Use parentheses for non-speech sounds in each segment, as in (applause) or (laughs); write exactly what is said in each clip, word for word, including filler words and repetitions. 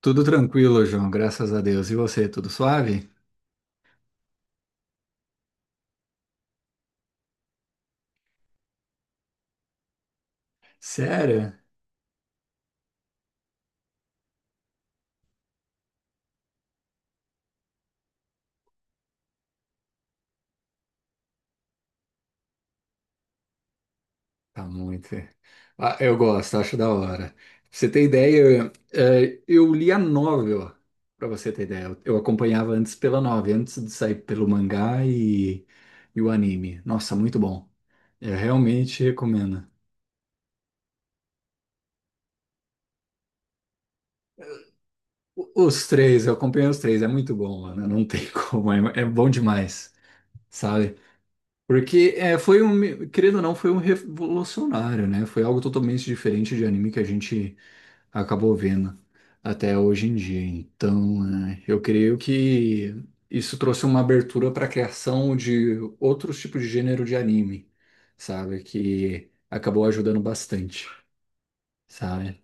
Tudo tranquilo, João, graças a Deus. E você, tudo suave? Sério? Tá muito. Ah, eu gosto, acho da hora. Pra você ter ideia, eh, eu li a novel, pra você ter ideia. Eu eu acompanhava antes pela novel, antes de sair pelo mangá e, e o anime. Nossa, muito bom. Eu realmente recomendo. O- Os três, eu acompanhei os três, é muito bom, mano. Não tem (laughs) como, é, é bom demais, sabe? Porque é, foi um, querendo ou não, foi um revolucionário, né? Foi algo totalmente diferente de anime que a gente acabou vendo até hoje em dia. Então, né, eu creio que isso trouxe uma abertura para a criação de outros tipos de gênero de anime, sabe? Que acabou ajudando bastante, sabe?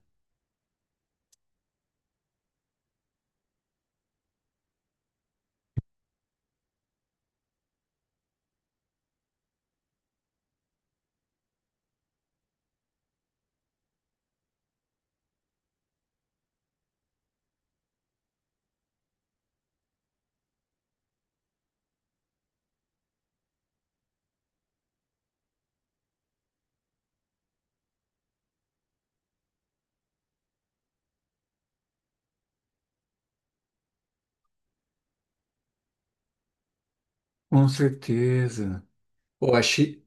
Com certeza. Pô, a, Chi-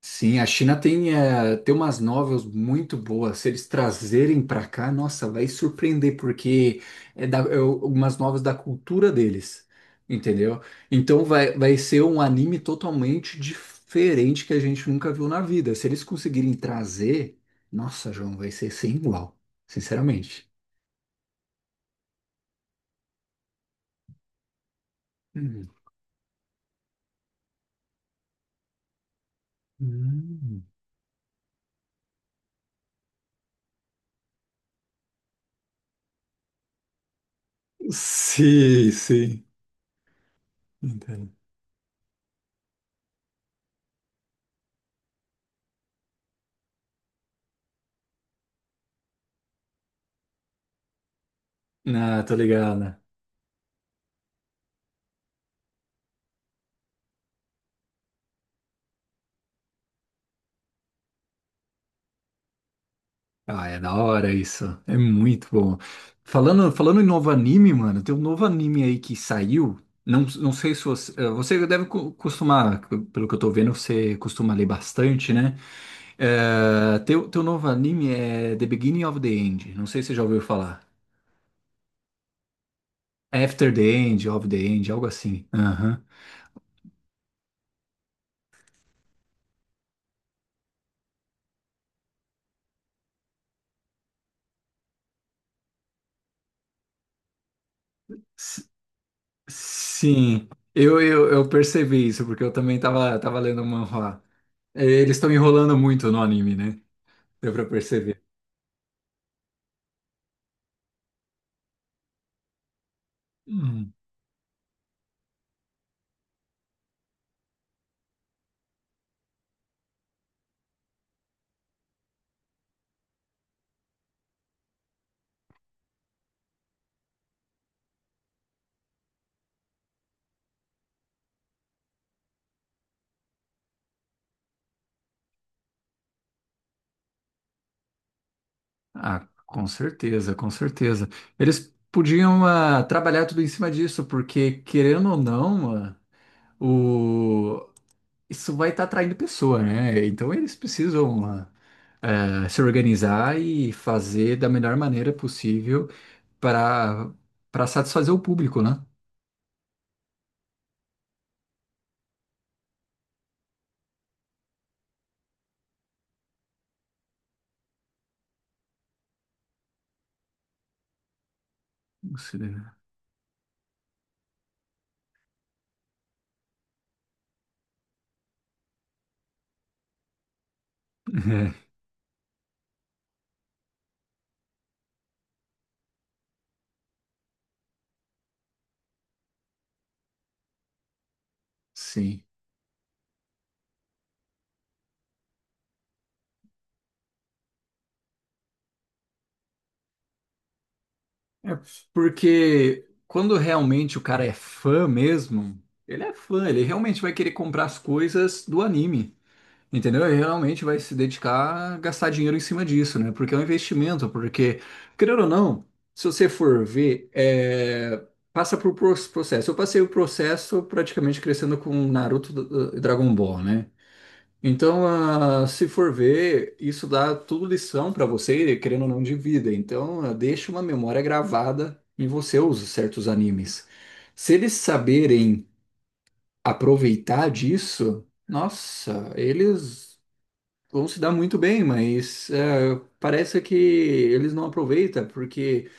Sim, a China tem, eh, tem umas novels muito boas. Se eles trazerem para cá, nossa, vai surpreender, porque é, da, é o- umas novels da cultura deles, entendeu? Então vai, vai ser um anime totalmente diferente que a gente nunca viu na vida. Se eles conseguirem trazer, nossa, João, vai ser sem igual, sinceramente. Hum. Hum. Sim, sim. Entendo. Ah, tô ligado. Ah, é da hora isso. É muito bom. Falando, falando em novo anime, mano, tem um novo anime aí que saiu. Não, não sei se você, eh, você deve co- costumar, pelo que eu tô vendo, você costuma ler bastante, né? Eh, teu, teu novo anime é The Beginning of the End. Não sei se você já ouviu falar. After the End, of the End, algo assim. Aham. S- Sim, eu, eu, eu percebi isso, porque eu também tava, tava lendo o manhwa. Eh, Eles estão enrolando muito no anime, né? Deu pra perceber. Ah, com certeza, com certeza. Eles podiam ah, trabalhar tudo em cima disso, porque querendo ou não, ah, o... isso vai estar atraindo pessoa, né? Então eles precisam ah, ah, se organizar e fazer da melhor maneira possível para para satisfazer o público, né? Você- (laughs) Sim. É porque quando realmente o cara é fã mesmo, ele é fã, ele realmente vai querer comprar as coisas do anime. Entendeu? E realmente vai se dedicar a gastar dinheiro em cima disso, né? Porque é um investimento, porque, querendo ou não, se você for ver, é, passa por pro- processo. Eu passei o processo praticamente crescendo com Naruto e Dragon Ball, né? Então, ah, se for ver, isso dá tudo lição para você, querendo ou não, de vida. Então, ah, deixa uma memória gravada em você, os certos animes. Se eles saberem aproveitar disso, nossa, eles vão se dar muito bem, mas é, parece que eles não aproveitam, porque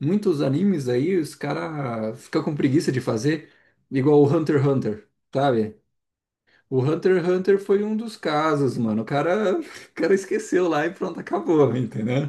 muitos animes aí os caras ficam com preguiça de fazer, igual o Hunter x Hunter, sabe? O Hunter x Hunter foi um dos casos, mano. O cara, (laughs) o cara esqueceu lá e pronto, acabou, entendeu?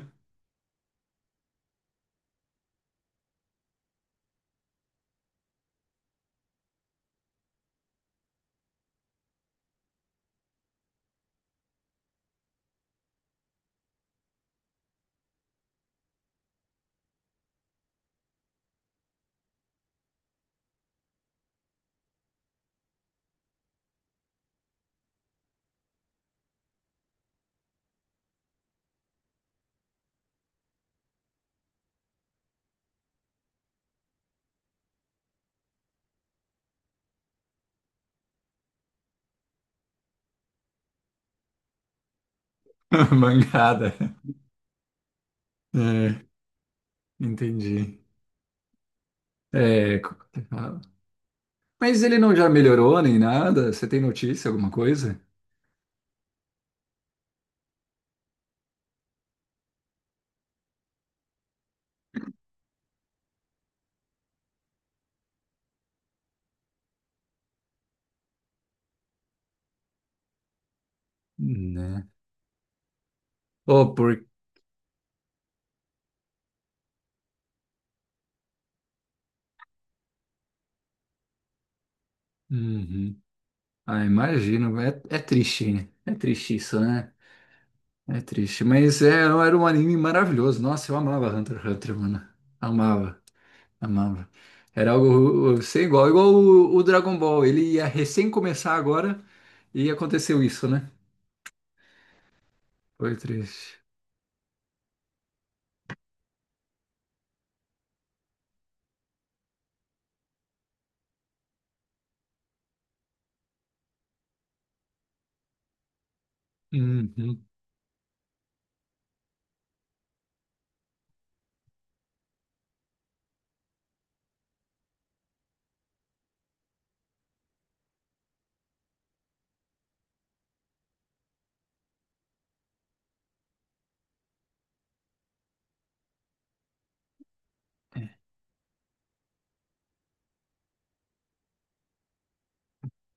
(laughs) Mangada. É, entendi. É, co- ah, mas ele não já melhorou nem nada? Você tem notícia, alguma coisa? Né. Oh, por... Uhum. Ah, imagino. É, é triste. Hein? É triste isso, né? É triste. Mas é, era um anime maravilhoso. Nossa, eu amava Hunter x Hunter, mano. Amava, amava. Era algo sem igual. Igual o, o Dragon Ball. Ele ia recém começar agora e aconteceu isso, né? Foi triste. Uhum.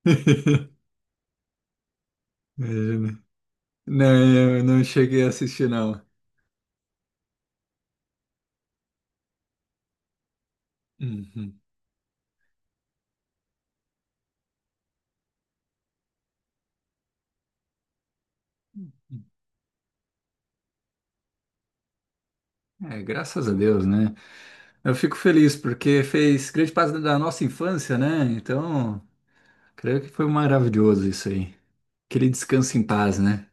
(laughs) Imagina. Não, eu não cheguei a assistir, não. Uhum. É, graças a Deus, né? Eu fico feliz porque fez grande parte da nossa infância, né? Então. Creio que foi maravilhoso isso aí. Que ele descanse em paz, né?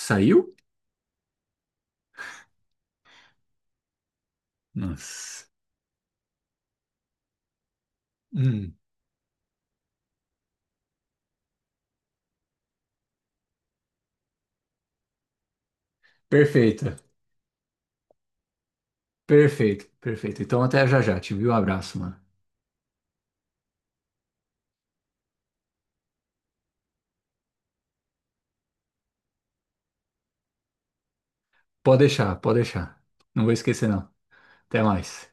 Saiu? Nossa. Hum, perfeito. Perfeito, perfeito. Então até já já, te viu? Um abraço, mano. Pode deixar, pode deixar. Não vou esquecer, não. Até mais.